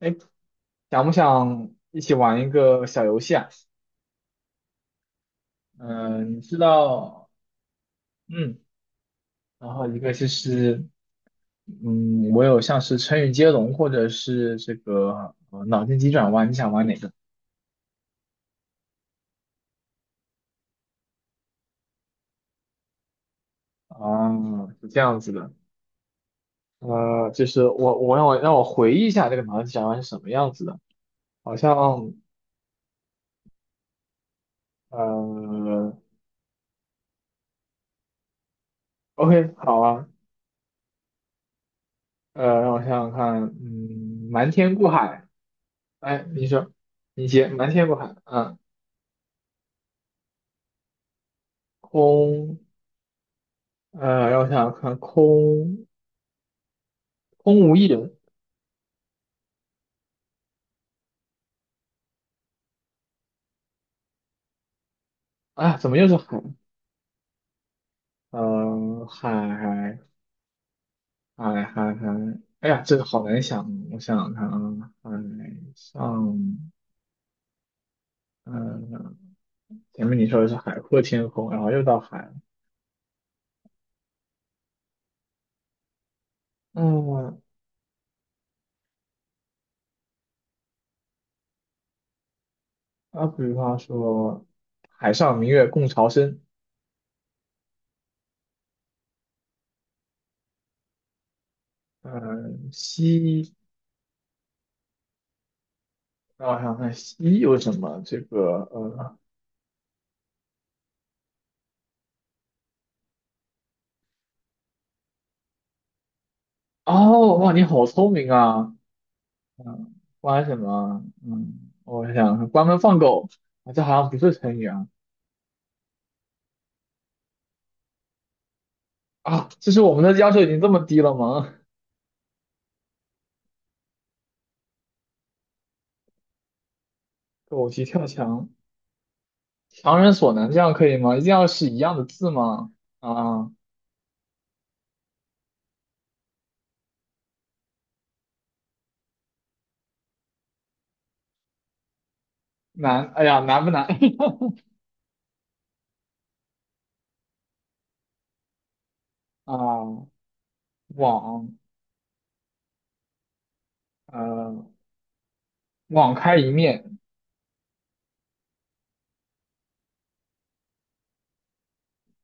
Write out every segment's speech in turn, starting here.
哎，想不想一起玩一个小游戏啊？嗯、你知道，嗯，然后一个就是，我有像是成语接龙或者是这个脑筋急转弯，你想玩哪个？啊？是这样子的，就是让我回忆一下这个脑筋急转弯是什么样子的，好像呃，OK，好啊，让我想想看，瞒天过海，哎，你说。你接瞒天过海，嗯，空让我想想看，空无一人。哎呀，怎么又是海？呃，海海海，哎呀，这个好难想。我想想看啊，海上，嗯、前面你说的是海阔天空，然后又到海了。嗯。啊，比方说，海上明月共潮生。嗯、西，让我想想看，西有什么？这个，呃。哦，哇，你好聪明啊！关什么？嗯，我想想关门放狗。啊，这好像不是成语啊。啊，这是我们的要求已经这么低了吗？狗急跳墙。强人所难，这样可以吗？一定要是一样的字吗？啊，难，哎呀，难不难？啊，网，呃，网开一面。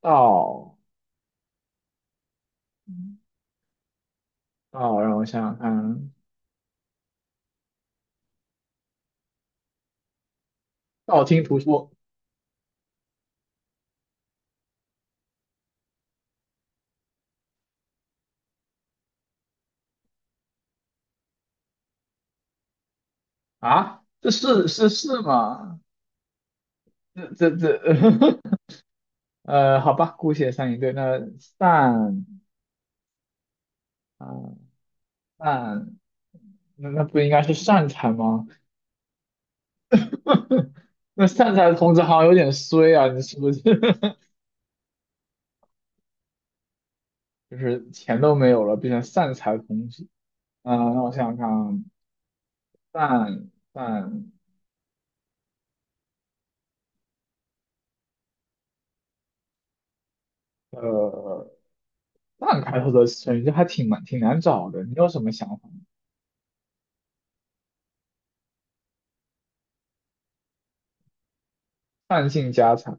道，道，让我想想看，道听途说。啊，这是吗？这这这，好吧，姑且算一对。那散。啊，那那不应该是善财吗？那善财童子好像有点衰啊，你是不是？就是钱都没有了，变成善财童子。嗯，那我想想看啊，善善呃善开头的成语，这还挺难找的。你有什么想法吗？善尽家财。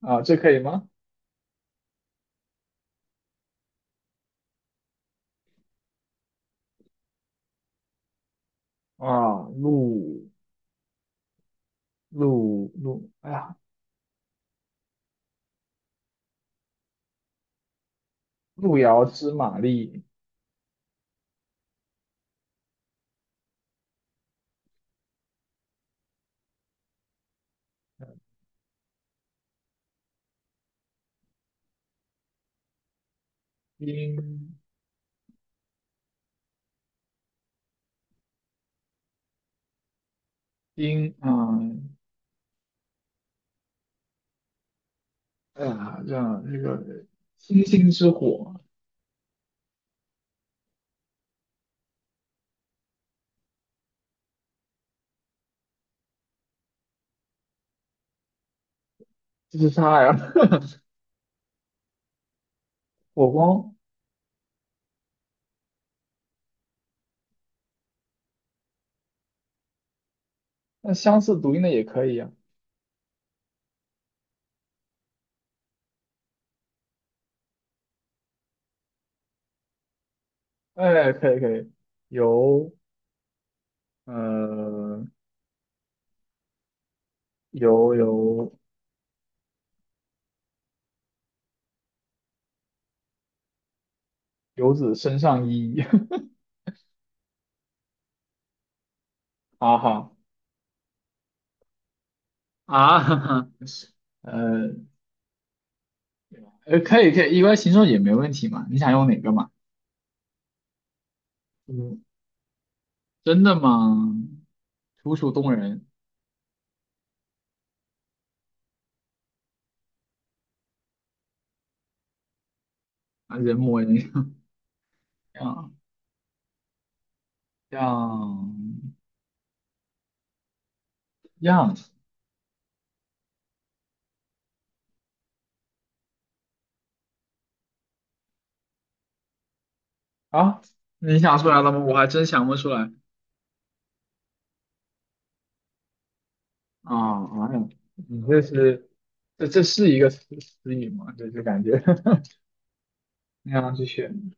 啊，这可以吗？啊，路路路，哎呀，路遥知马力，兵兵啊。哎呀，这样这个星星之火，就是它呀。火光。那相似读音的也可以呀。哎，可以可以，游，呃游游游子身上衣。好好啊，哈哈，呃可以可以，一般形容也没问题嘛。你想用哪个嘛？嗯，真的吗？楚楚动人。啊，人模人样样样啊！你想出来了吗？我还真想不出来。啊哎呀，你这是这是一个词语吗？这就感觉 那样去选，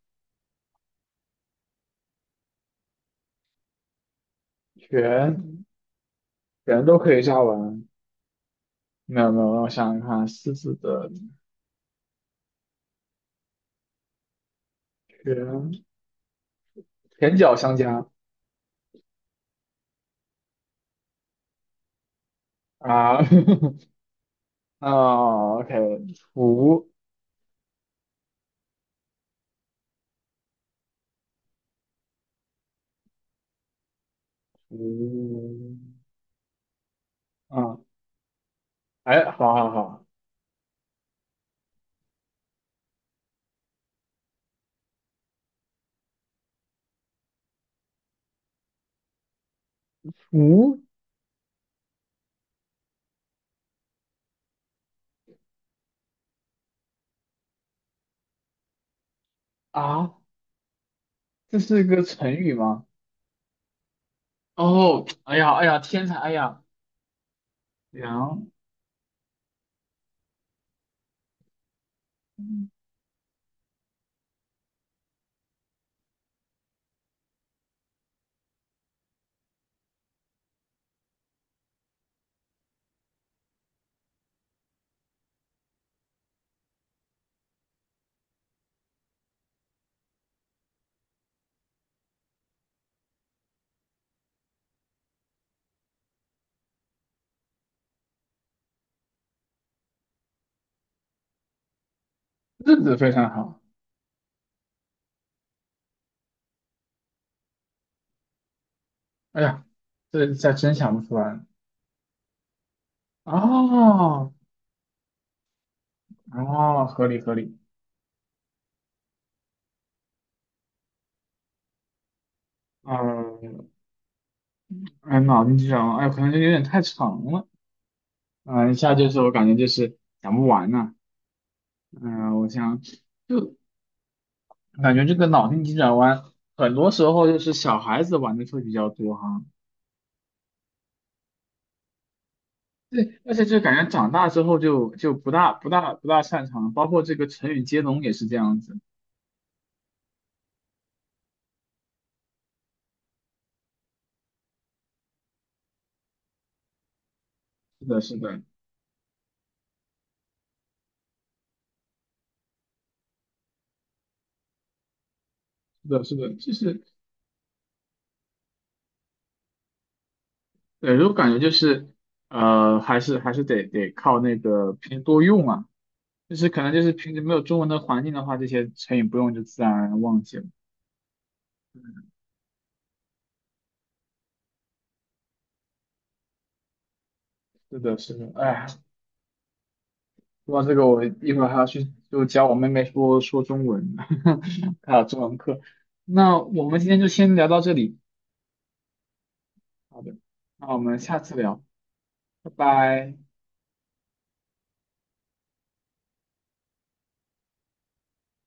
全全都可以加完。没有没有，让我想想看，狮子的全全脚相加。啊 啊，OK，图图啊，哎，好好好，图。啊，这是一个成语吗？哦，哎呀哎呀，天才，哎呀，良日子非常好，哎呀，这下真想不出来。哦，哦，合理合理。嗯，哎，脑筋急转弯，哎，可能就有点太长了。嗯，一下就是我感觉就是讲不完呐。我想就感觉这个脑筋急转弯，很多时候就是小孩子玩的会比较多哈。对，而且就感觉长大之后就不大擅长，包括这个成语接龙也是这样子。是的，是的，是的，是的，就是对，我感觉就是还是得靠那个平时多用啊。就是可能就是平时没有中文的环境的话，这些成语不用就自然而然忘记了。是的，是的，哎，说到这个，我一会儿还要去就教我妹妹说说中文，还有中文课。那我们今天就先聊到这里，好的，那我们下次聊，拜拜。